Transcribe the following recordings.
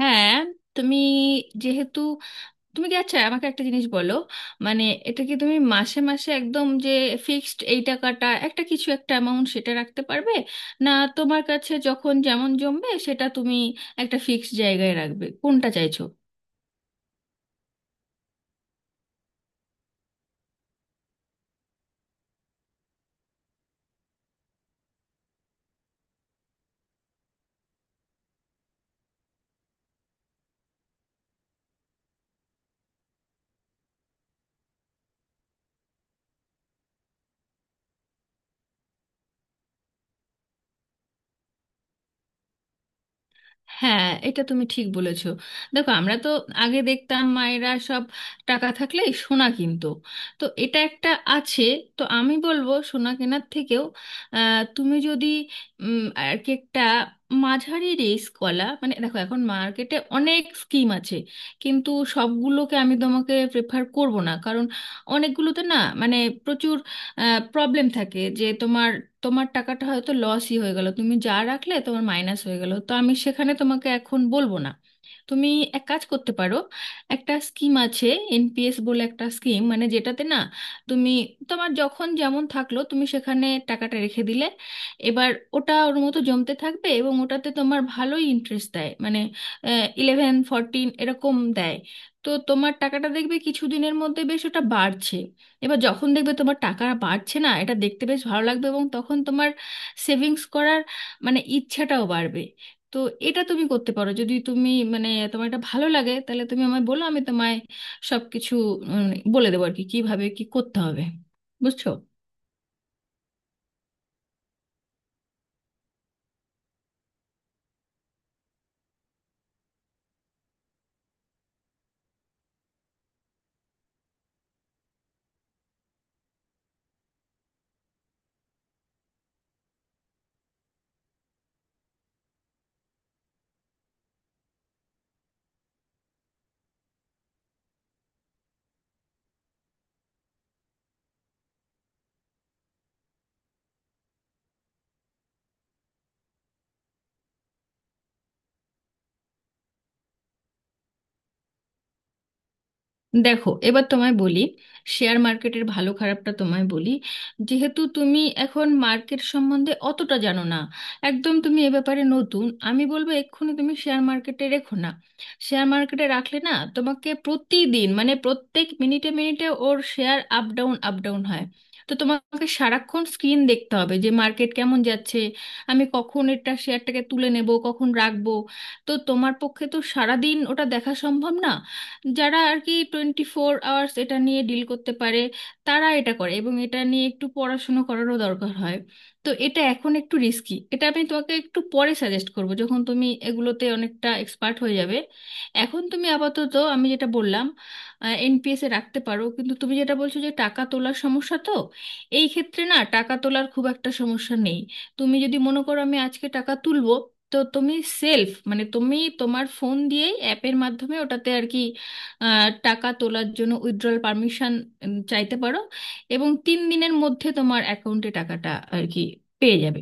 হ্যাঁ, তুমি যেহেতু তুমি কি, আচ্ছা আমাকে একটা জিনিস বলো। মানে, এটা কি তুমি মাসে মাসে একদম যে ফিক্সড এই টাকাটা একটা কিছু, একটা অ্যামাউন্ট সেটা রাখতে পারবে, না তোমার কাছে যখন যেমন জমবে সেটা তুমি একটা ফিক্সড জায়গায় রাখবে, কোনটা চাইছো? হ্যাঁ, এটা তুমি ঠিক বলেছো। দেখো, আমরা তো আগে দেখতাম মায়েরা সব টাকা থাকলেই সোনা কিনতো। তো এটা একটা আছে। তো আমি বলবো সোনা কেনার থেকেও তুমি যদি আর কি একটা মাঝারি রিস্ক কলা, মানে দেখো এখন মার্কেটে অনেক স্কিম আছে, কিন্তু সবগুলোকে আমি তোমাকে প্রেফার করব না, কারণ অনেকগুলোতে না মানে প্রচুর প্রবলেম থাকে, যে তোমার তোমার টাকাটা হয়তো লসই হয়ে গেল, তুমি যা রাখলে তোমার মাইনাস হয়ে গেল, তো আমি সেখানে তোমাকে এখন বলবো না। তুমি এক কাজ করতে পারো, একটা স্কিম আছে, এনপিএস বলে একটা স্কিম, মানে যেটাতে না তুমি, তোমার যখন যেমন থাকলো তুমি সেখানে টাকাটা রেখে দিলে। এবার ওটা ওর মতো জমতে থাকবে, এবং ওটাতে তোমার ভালোই ইন্টারেস্ট দেয়, মানে 11 14 এরকম দেয়। তো তোমার টাকাটা দেখবে কিছুদিনের মধ্যে বেশ ওটা বাড়ছে। এবার যখন দেখবে তোমার টাকা বাড়ছে না, এটা দেখতে বেশ ভালো লাগবে, এবং তখন তোমার সেভিংস করার মানে ইচ্ছাটাও বাড়বে। তো এটা তুমি করতে পারো, যদি তুমি মানে তোমার এটা ভালো লাগে, তাহলে তুমি আমায় বলো, আমি তোমায় সব কিছু বলে দেবো আর কি, কীভাবে কী করতে হবে, বুঝছো। দেখো, এবার তোমায় বলি, শেয়ার মার্কেটের ভালো খারাপটা তোমায় বলি। যেহেতু তুমি এখন মার্কেট সম্বন্ধে অতটা জানো না, একদম তুমি এ ব্যাপারে নতুন, আমি বলবো এক্ষুনি তুমি শেয়ার মার্কেটে রেখো না। শেয়ার মার্কেটে রাখলে না, তোমাকে প্রতিদিন মানে প্রত্যেক মিনিটে মিনিটে ওর share up down up down হয়। তো তোমাকে সারাক্ষণ স্ক্রিন দেখতে হবে, যে মার্কেট কেমন যাচ্ছে, আমি কখন এটা শেয়ারটাকে তুলে নেব, কখন রাখবো। তো তোমার পক্ষে তো সারাদিন ওটা দেখা সম্ভব না। যারা আর কি 24 hours এটা নিয়ে ডিল করতে পারে, তারা এটা করে, এবং এটা নিয়ে একটু পড়াশুনো করারও দরকার হয়। তো এটা এখন একটু রিস্কি, এটা আমি তোমাকে একটু পরে সাজেস্ট করব, যখন তুমি এগুলোতে অনেকটা এক্সপার্ট হয়ে যাবে। এখন তুমি আপাতত আমি যেটা বললাম, এনপিএসে রাখতে পারো। কিন্তু তুমি যেটা বলছো যে টাকা তোলার সমস্যা, তো এই ক্ষেত্রে না টাকা তোলার খুব একটা সমস্যা নেই। তুমি যদি মনে করো আমি আজকে টাকা তুলবো, তো তুমি সেলফ মানে তুমি তোমার ফোন দিয়েই অ্যাপের মাধ্যমে ওটাতে আর কি, টাকা তোলার জন্য উইথড্রল পারমিশন চাইতে পারো, এবং 3 দিনের মধ্যে তোমার অ্যাকাউন্টে টাকাটা আর কি পেয়ে যাবে।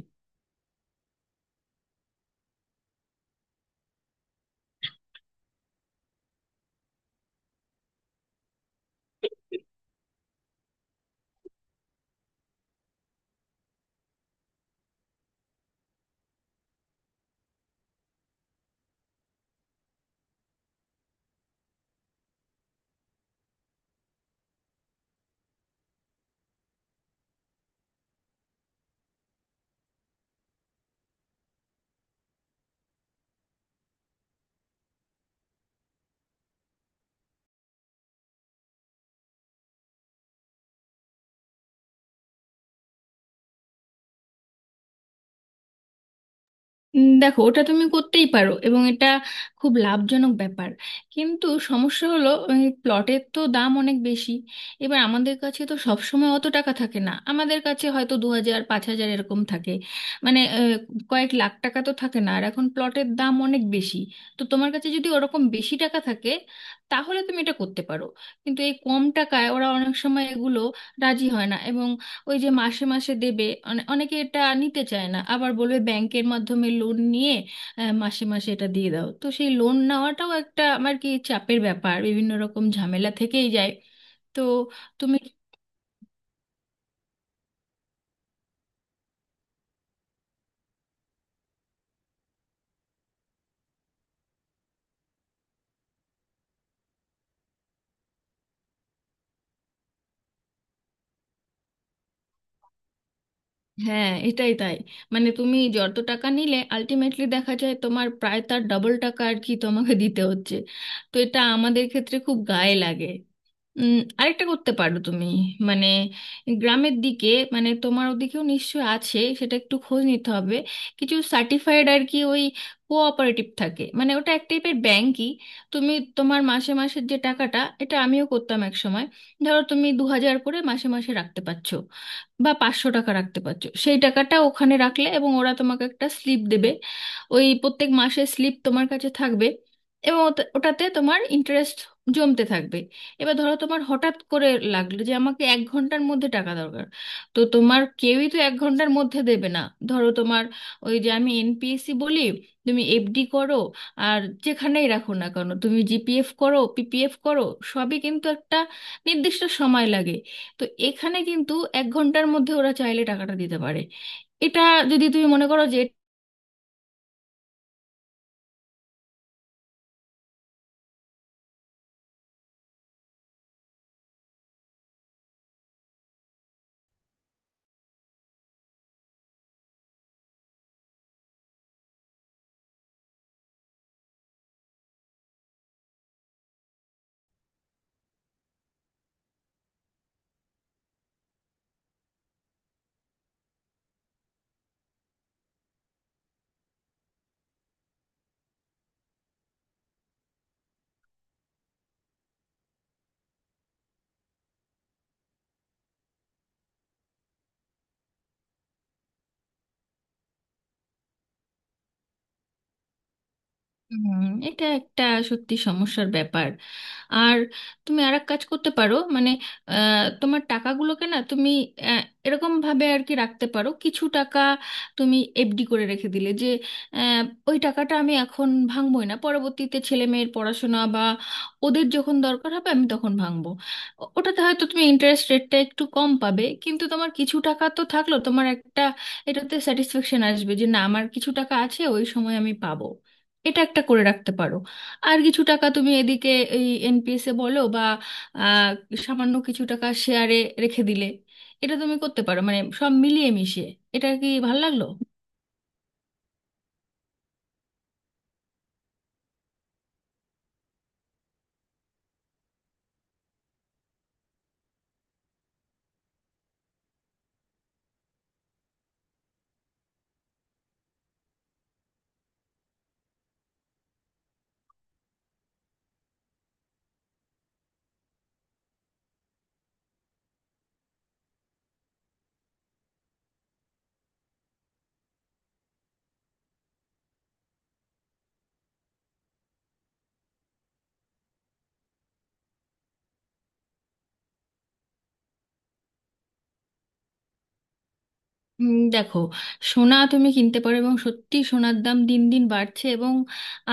দেখো, ওটা তুমি করতেই পারো এবং এটা খুব লাভজনক ব্যাপার। কিন্তু সমস্যা হলো ওই প্লটের তো দাম অনেক বেশি। এবার আমাদের কাছে তো সব সময় অত টাকা থাকে না, আমাদের কাছে হয়তো 2,000 5,000 এরকম থাকে। মানে, কয়েক লাখ টাকা তো থাকে না, আর এখন প্লটের দাম অনেক বেশি। তো তোমার কাছে যদি ওরকম বেশি টাকা থাকে, তাহলে তুমি এটা করতে পারো। কিন্তু এই কম টাকায় ওরা অনেক সময় এগুলো রাজি হয় না, এবং ওই যে মাসে মাসে দেবে, অনেকে এটা নিতে চায় না, আবার বলবে ব্যাংকের মাধ্যমে লোন নিয়ে মাসে মাসে এটা দিয়ে দাও, তো সেই লোন নেওয়াটাও একটা আমার কি চাপের ব্যাপার, বিভিন্ন রকম ঝামেলা থেকেই যায়। তো তুমি। হ্যাঁ, এটাই তাই। মানে তুমি যত টাকা নিলে, আলটিমেটলি দেখা যায় তোমার প্রায় তার ডবল টাকা আর কি তোমাকে দিতে হচ্ছে। তো এটা আমাদের ক্ষেত্রে খুব গায়ে লাগে। আরেকটা করতে পারো তুমি, মানে গ্রামের দিকে, মানে তোমার ওদিকেও নিশ্চয় আছে, সেটা একটু খোঁজ নিতে হবে। কিছু সার্টিফাইড আর কি ওই কোঅপারেটিভ থাকে, মানে ওটা এক টাইপের ব্যাংকই। তুমি তোমার মাসে মাসের যে টাকাটা, এটা আমিও করতাম এক সময়। ধরো তুমি 2,000 করে মাসে মাসে রাখতে পারছো, বা 500 টাকা রাখতে পারছো, সেই টাকাটা ওখানে রাখলে, এবং ওরা তোমাকে একটা স্লিপ দেবে। ওই প্রত্যেক মাসের স্লিপ তোমার কাছে থাকবে, এবং ওটাতে তোমার ইন্টারেস্ট জমতে থাকবে। এবার ধরো তোমার হঠাৎ করে লাগলো যে আমাকে 1 ঘন্টার মধ্যে টাকা দরকার, তো তোমার কেউই তো 1 ঘন্টার মধ্যে দেবে না। ধরো তোমার, ওই যে আমি এনপিএসসি বলি, তুমি এফডি করো, আর যেখানেই রাখো না কেন, তুমি জিপিএফ করো, পিপিএফ করো, সবই কিন্তু একটা নির্দিষ্ট সময় লাগে। তো এখানে কিন্তু 1 ঘন্টার মধ্যে ওরা চাইলে টাকাটা দিতে পারে। এটা যদি তুমি মনে করো যে। হুম। এটা একটা সত্যি সমস্যার ব্যাপার। আর তুমি আর এক কাজ করতে পারো মানে, তোমার টাকাগুলোকে না তুমি আহ, এরকম ভাবে আর কি রাখতে পারো। কিছু টাকা তুমি এফডি করে রেখে দিলে, যে আহ, ওই টাকাটা আমি এখন ভাঙবোই না, পরবর্তীতে ছেলে মেয়ের পড়াশোনা বা ওদের যখন দরকার হবে আমি তখন ভাঙবো। ওটাতে হয়তো তুমি ইন্টারেস্ট রেটটা একটু কম পাবে, কিন্তু তোমার কিছু টাকা তো থাকলো, তোমার একটা এটাতে স্যাটিসফ্যাকশন আসবে যে না আমার কিছু টাকা আছে, ওই সময় আমি পাবো। এটা একটা করে রাখতে পারো। আর কিছু টাকা তুমি এদিকে এই এনপিএসে বলো বা আহ, সামান্য কিছু টাকা শেয়ারে রেখে দিলে, এটা তুমি করতে পারো, মানে সব মিলিয়ে মিশিয়ে। এটা কি ভালো লাগলো? দেখো, সোনা তুমি কিনতে পারো, এবং সত্যি সোনার দাম দিন দিন বাড়ছে, এবং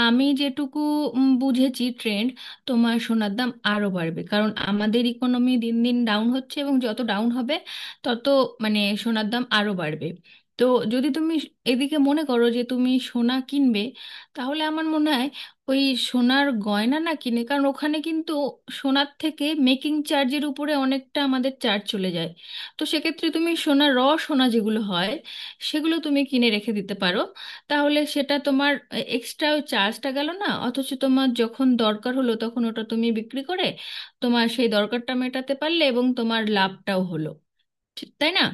আমি যেটুকু বুঝেছি ট্রেন্ড, তোমার সোনার দাম আরো বাড়বে, কারণ আমাদের ইকোনমি দিন দিন ডাউন হচ্ছে, এবং যত ডাউন হবে তত মানে সোনার দাম আরো বাড়বে। তো যদি তুমি এদিকে মনে করো যে তুমি সোনা কিনবে, তাহলে আমার মনে হয় ওই সোনার গয়না না কিনে, কারণ ওখানে কিন্তু সোনার থেকে মেকিং চার্জের উপরে অনেকটা আমাদের চার্জ চলে যায়। তো সেক্ষেত্রে তুমি সোনা যেগুলো হয় সেগুলো তুমি কিনে রেখে দিতে পারো, তাহলে সেটা তোমার এক্সট্রা ওই চার্জটা গেল না, অথচ তোমার যখন দরকার হলো তখন ওটা তুমি বিক্রি করে তোমার সেই দরকারটা মেটাতে পারলে, এবং তোমার লাভটাও হলো, ঠিক তাই না?